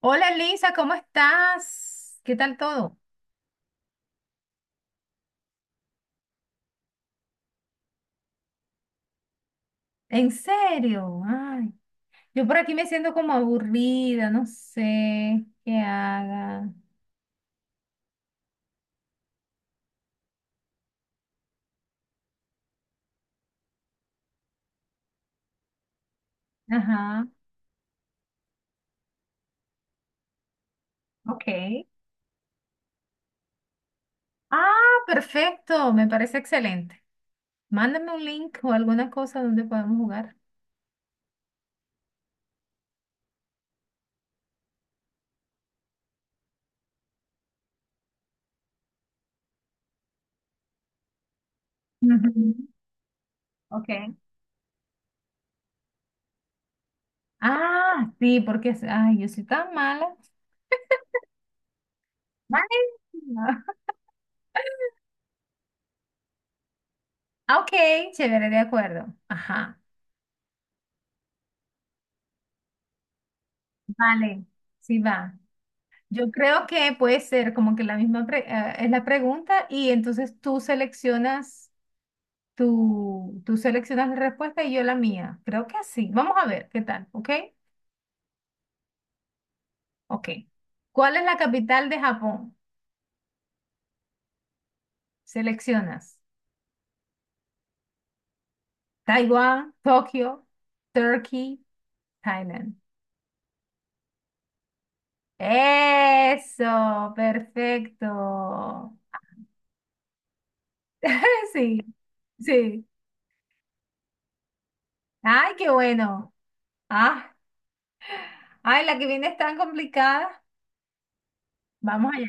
Hola Lisa, ¿cómo estás? ¿Qué tal todo? ¿En serio? Ay, yo por aquí me siento como aburrida, no sé qué haga. Ajá, ok. Ah, perfecto, me parece excelente. Mándame un link o alguna cosa donde podamos jugar. Ujú, ok. Ah, sí, porque, ay, yo soy tan mala. Vale. Ah, ok, chévere, de acuerdo. Ajá, vale. Sí va. Yo creo que puede ser como que la misma es la pregunta y entonces tú seleccionas tú seleccionas la respuesta y yo la mía. Creo que así. Vamos a ver qué tal, ¿ok? Ok. ¿Cuál es la capital de Japón? Seleccionas Taiwán, Tokio, Turkey, Thailand. Eso, perfecto. Sí, sí. Ay, qué bueno. Ah, ay, la que viene es tan complicada. Vamos allá.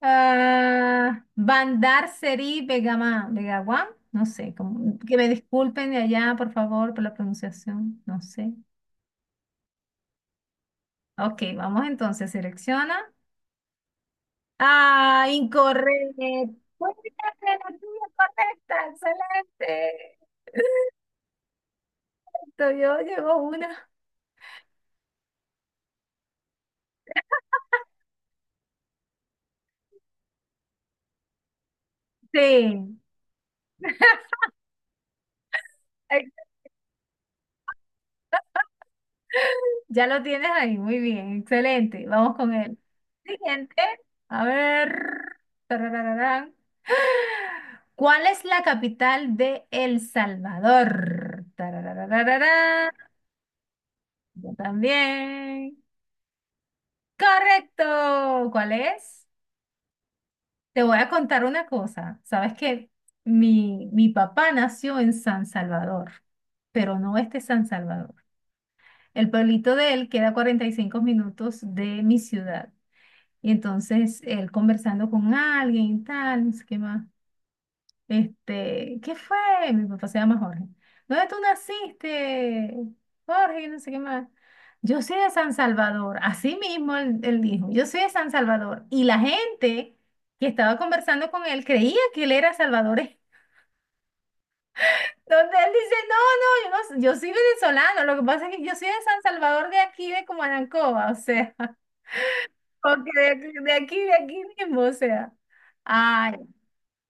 Ah, Bandar Seri Begaman, Begawan, no sé, que me disculpen de allá, por favor, por la pronunciación, no sé. Ok, vamos entonces, selecciona. Ah, incorrecto. Muy bien, la tuya correcta, excelente. Todavía llegó una. Sí. Ya lo tienes ahí, muy bien, excelente. Vamos con el siguiente. A ver. Tararararán. ¿Cuál es la capital de El Salvador? Tarararararán. Yo también. Correcto. ¿Cuál es? Te voy a contar una cosa. Sabes que mi papá nació en San Salvador, pero no este San Salvador. El pueblito de él queda a 45 minutos de mi ciudad. Y entonces él conversando con alguien y tal, no sé qué más. ¿Qué fue? Mi papá se llama Jorge. ¿Dónde tú naciste? Jorge, no sé qué más. Yo soy de San Salvador. Así mismo él dijo, yo soy de San Salvador. Y la gente que estaba conversando con él creía que él era salvadoreño. Donde él dice, no, no, yo, no, yo soy venezolano. Lo que pasa es que yo soy de San Salvador de aquí, de Comanancoa, o sea, porque de aquí mismo, o sea. Ay,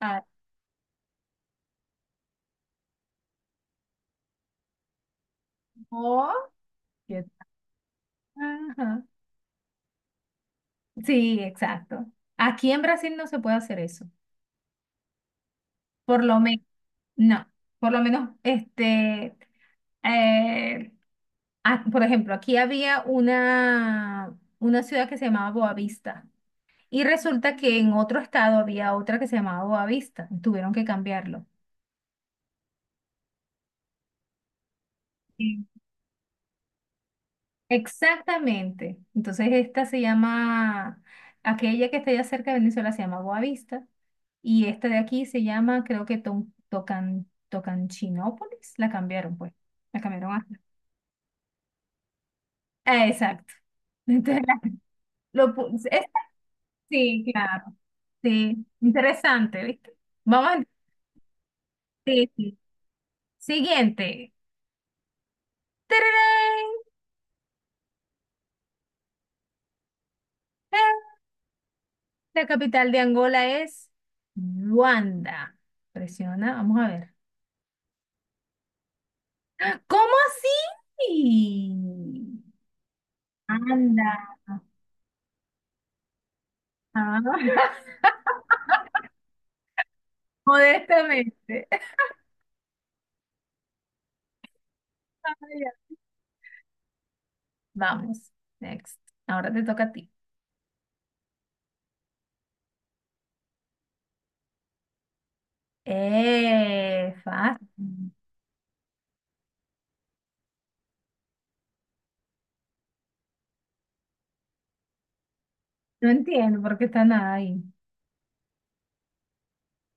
ah, oh, qué- ¿tal? Ajá. Sí, exacto. Aquí en Brasil no se puede hacer eso. Por lo menos, no. Por lo menos, eh, por ejemplo, aquí había una ciudad que se llamaba Boavista. Y resulta que en otro estado había otra que se llamaba Boavista. Tuvieron que cambiarlo. Exactamente. Entonces esta se llama, aquella que está allá cerca de Venezuela se llama Boavista y esta de aquí se llama, creo que Tocanchinópolis, la cambiaron pues, la cambiaron a... Ah, exacto. Entonces, esta sí, claro. Sí, interesante, ¿viste? Vamos a... Sí, sí. Siguiente. ¡Tararán! ¡Ah! La capital de Angola es Luanda. Presiona, vamos a ver. ¿Cómo así? Anda. Ah, modestamente. Ay, ya. Vamos, next. Ahora te toca a ti. Fácil. No entiendo por qué están ahí.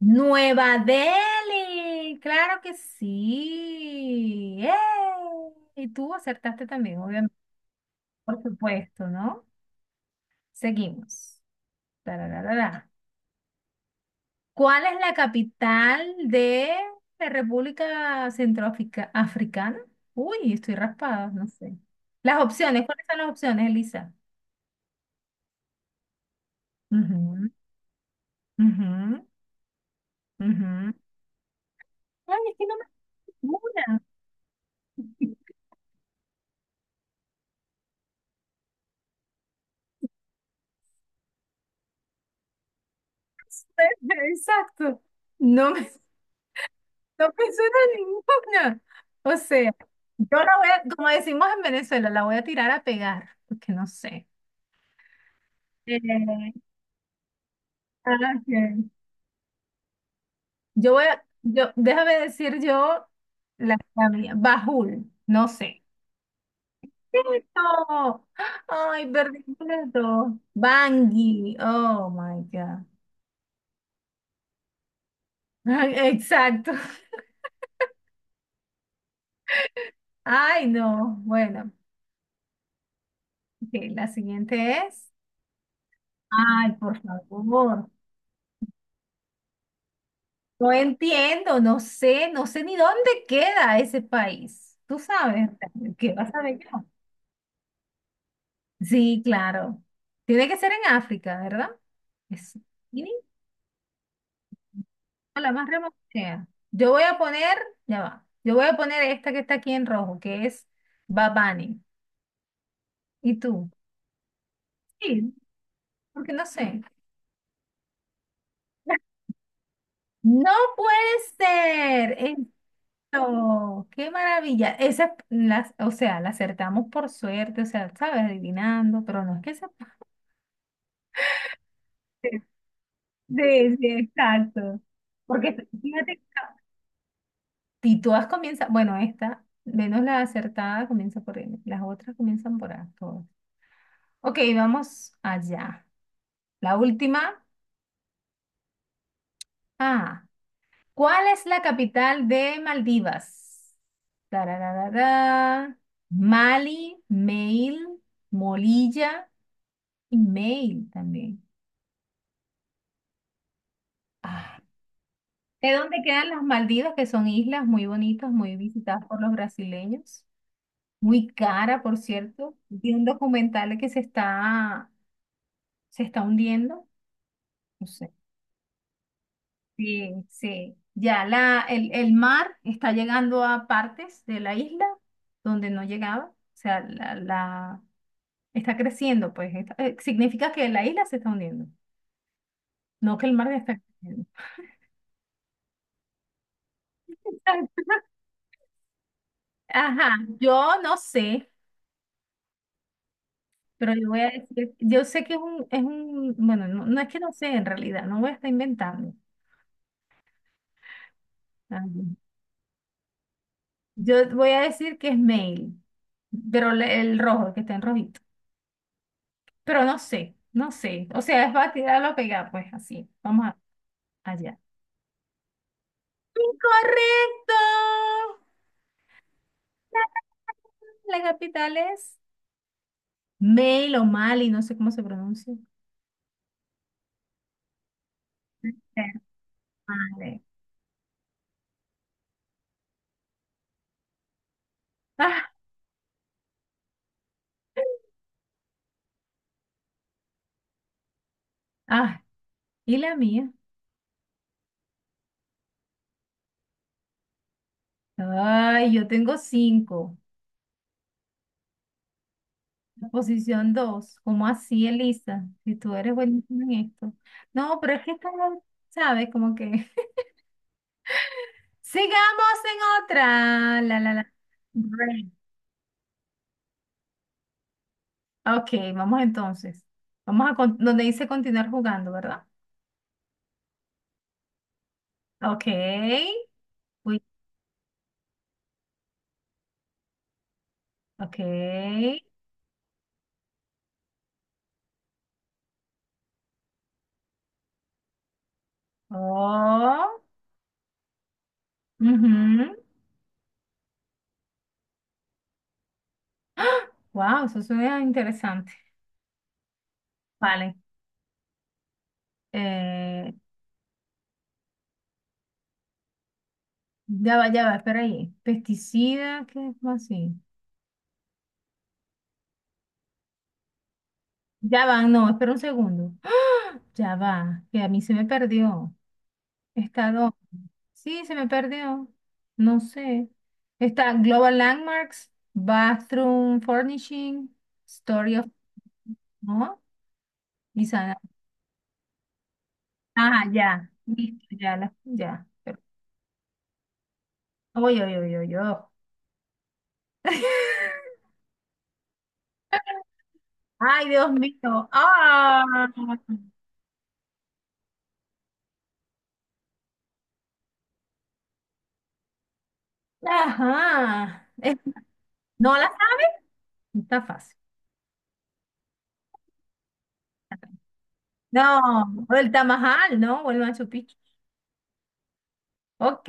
Nueva Delhi, claro que sí. ¡Eh! Y tú acertaste también, obviamente, por supuesto, ¿no? Seguimos. Tarararara. ¿Cuál es la capital de la República Centroafricana? Uy, estoy raspada, no sé. Las opciones, ¿cuáles son las opciones, Elisa? Ujú, ujú, ujú. Ay, es que no me ninguna. Exacto. No me, no me suena ninguna. O sea, yo la voy a, como decimos en Venezuela, la voy a tirar a pegar, porque no sé. Eh, ok. Yo voy a, yo, déjame decir yo la mía. Bajul, no sé. ¡Eso! ¡Ay, perdí completo! Bangui, oh my God. Ay, exacto. Ay, no. Bueno, ok, la siguiente es. Ay, por favor. No entiendo, no sé, no sé ni dónde queda ese país. Tú sabes, ¿qué vas a ver yo? Sí, claro. Tiene que ser en África, ¿verdad? Es- a la más remota que sea. Yo voy a poner esta que está aquí en rojo, que es Bad Bunny. ¿Y tú? Sí, porque no sé. No puede ser esto. Qué maravilla. O sea, la acertamos por suerte, o sea, sabes, adivinando, pero no es que se puede. Sí, sí, exacto. Porque fíjate, si todas comienzan, bueno, esta, menos la acertada comienza por N, las otras comienzan por A, todas. Ok, vamos allá. La última. Ah, ¿cuál es la capital de Maldivas? Tarararara. Mali, Mail, Molilla y Mail también. Ah, ¿de dónde quedan las Maldivas, que son islas muy bonitas, muy visitadas por los brasileños? Muy cara, por cierto. Vi un documental que se está hundiendo. No sé. Sí, sí. Ya el mar está llegando a partes de la isla donde no llegaba. O sea, está creciendo, pues. Significa que la isla se está hundiendo, no que el mar está creciendo. Ajá, yo no sé, pero yo voy a decir, yo sé que es un, bueno, no, no es que no sé en realidad, no voy a estar inventando. Ah, yo voy a decir que es mail, pero el rojo, el que está en rojito. Pero no sé, no sé. O sea, es para tirarlo a pegar, pues así. Vamos allá. ¡Incorrecto! La capital es Mail o Mali, no sé cómo se pronuncia. Vale. Ah, ah, y la mía. Ay, yo tengo cinco. La posición dos. ¿Cómo así, Elisa? Si tú eres buenísima en esto. No, pero es que esta, ¿sabes? Como que. Sigamos en otra. La, la, la. Bueno. Ok, vamos entonces. Vamos a donde dice continuar jugando, ¿verdad? Ok. Uy, ok. Oh. Wow, eso suena interesante. Vale. Eh, ya va, espera ahí. Pesticida, ¿qué es así? Ya va, no, espera un segundo. ¡Ah! Ya va, que a mí se me perdió. Estado. Sí, se me perdió. No sé. Está Global Landmarks, Bathroom Furnishing, Story of... ¿No? Y ah, ya. Listo, ya, ya. Pero... Oy, oy, oy, oy, oy. Ay, Dios mío. Ah. Ajá. No la está fácil. No, o el Tamajal, ¿no? O el Machu Picchu. Ok.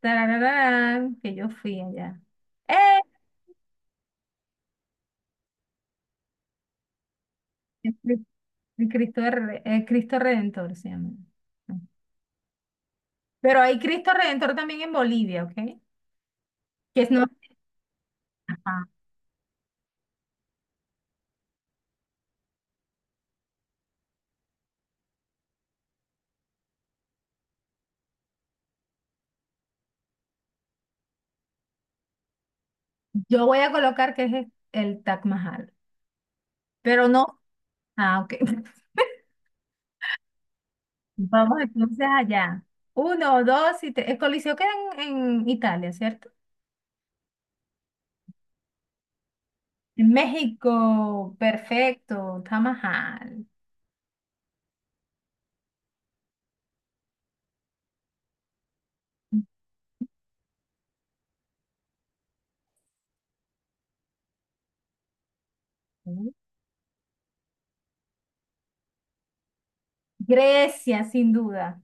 Tarararán, que yo fui allá. ¡Eh! El Cri- el Cristo, el Cristo Redentor se llama. Pero hay Cristo Redentor también en Bolivia, ¿ok? Que es no. Ajá. Yo voy a colocar que es el Taj Mahal. Pero no. Ah, ok. Vamos entonces allá. Uno, dos y tres. El Coliseo queda en, en, Italia, ¿cierto? En México, perfecto. Taj Mahal. Ok. Grecia, sin duda.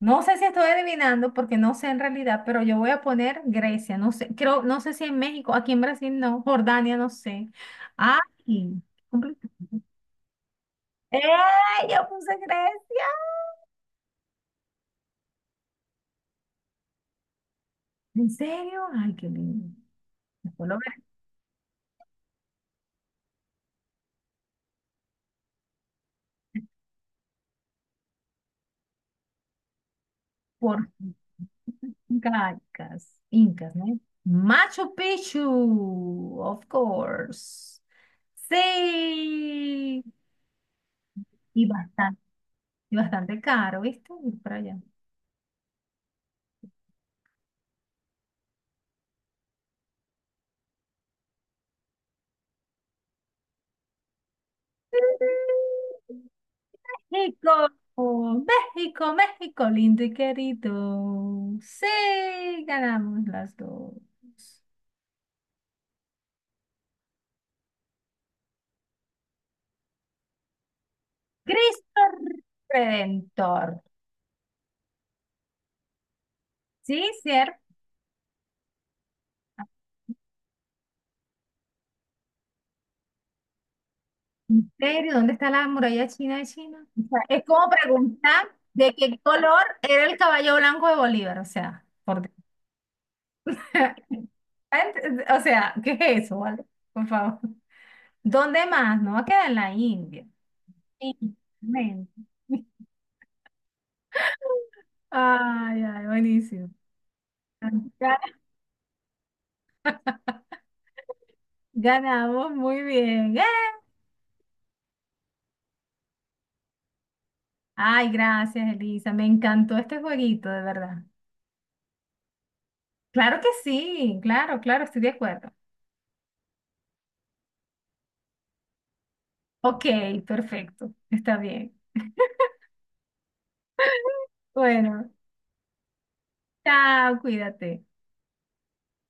No sé si estoy adivinando porque no sé en realidad, pero yo voy a poner Grecia, no sé, creo, no sé si en México, aquí en Brasil no, Jordania, no sé. Ay, complicado. ¡Eh! Yo puse Grecia. ¿En serio? Ay, qué lindo. Después lo veré por Incas, Incas, ¿no? Machu Picchu, of course. Sí. Y bastante, y bastante caro, ¿viste? Ir para allá. México, México, México, lindo y querido. Sí, ganamos las dos. Cristo Redentor. Sí, cierto. ¿En serio? ¿Dónde está la muralla china de China? O sea, es como preguntar de qué color era el caballo blanco de Bolívar. O sea, por Dios. O sea, ¿qué es eso, vale? Por favor. ¿Dónde más? No va a quedar en la India. Sí. Men. Ay, ay, buenísimo. Ganamos, muy bien. ¡Eh! Ay, gracias, Elisa. Me encantó este jueguito, de verdad. Claro que sí, claro, claro, estoy de acuerdo. Ok, perfecto. Está bien. Bueno, chao, cuídate.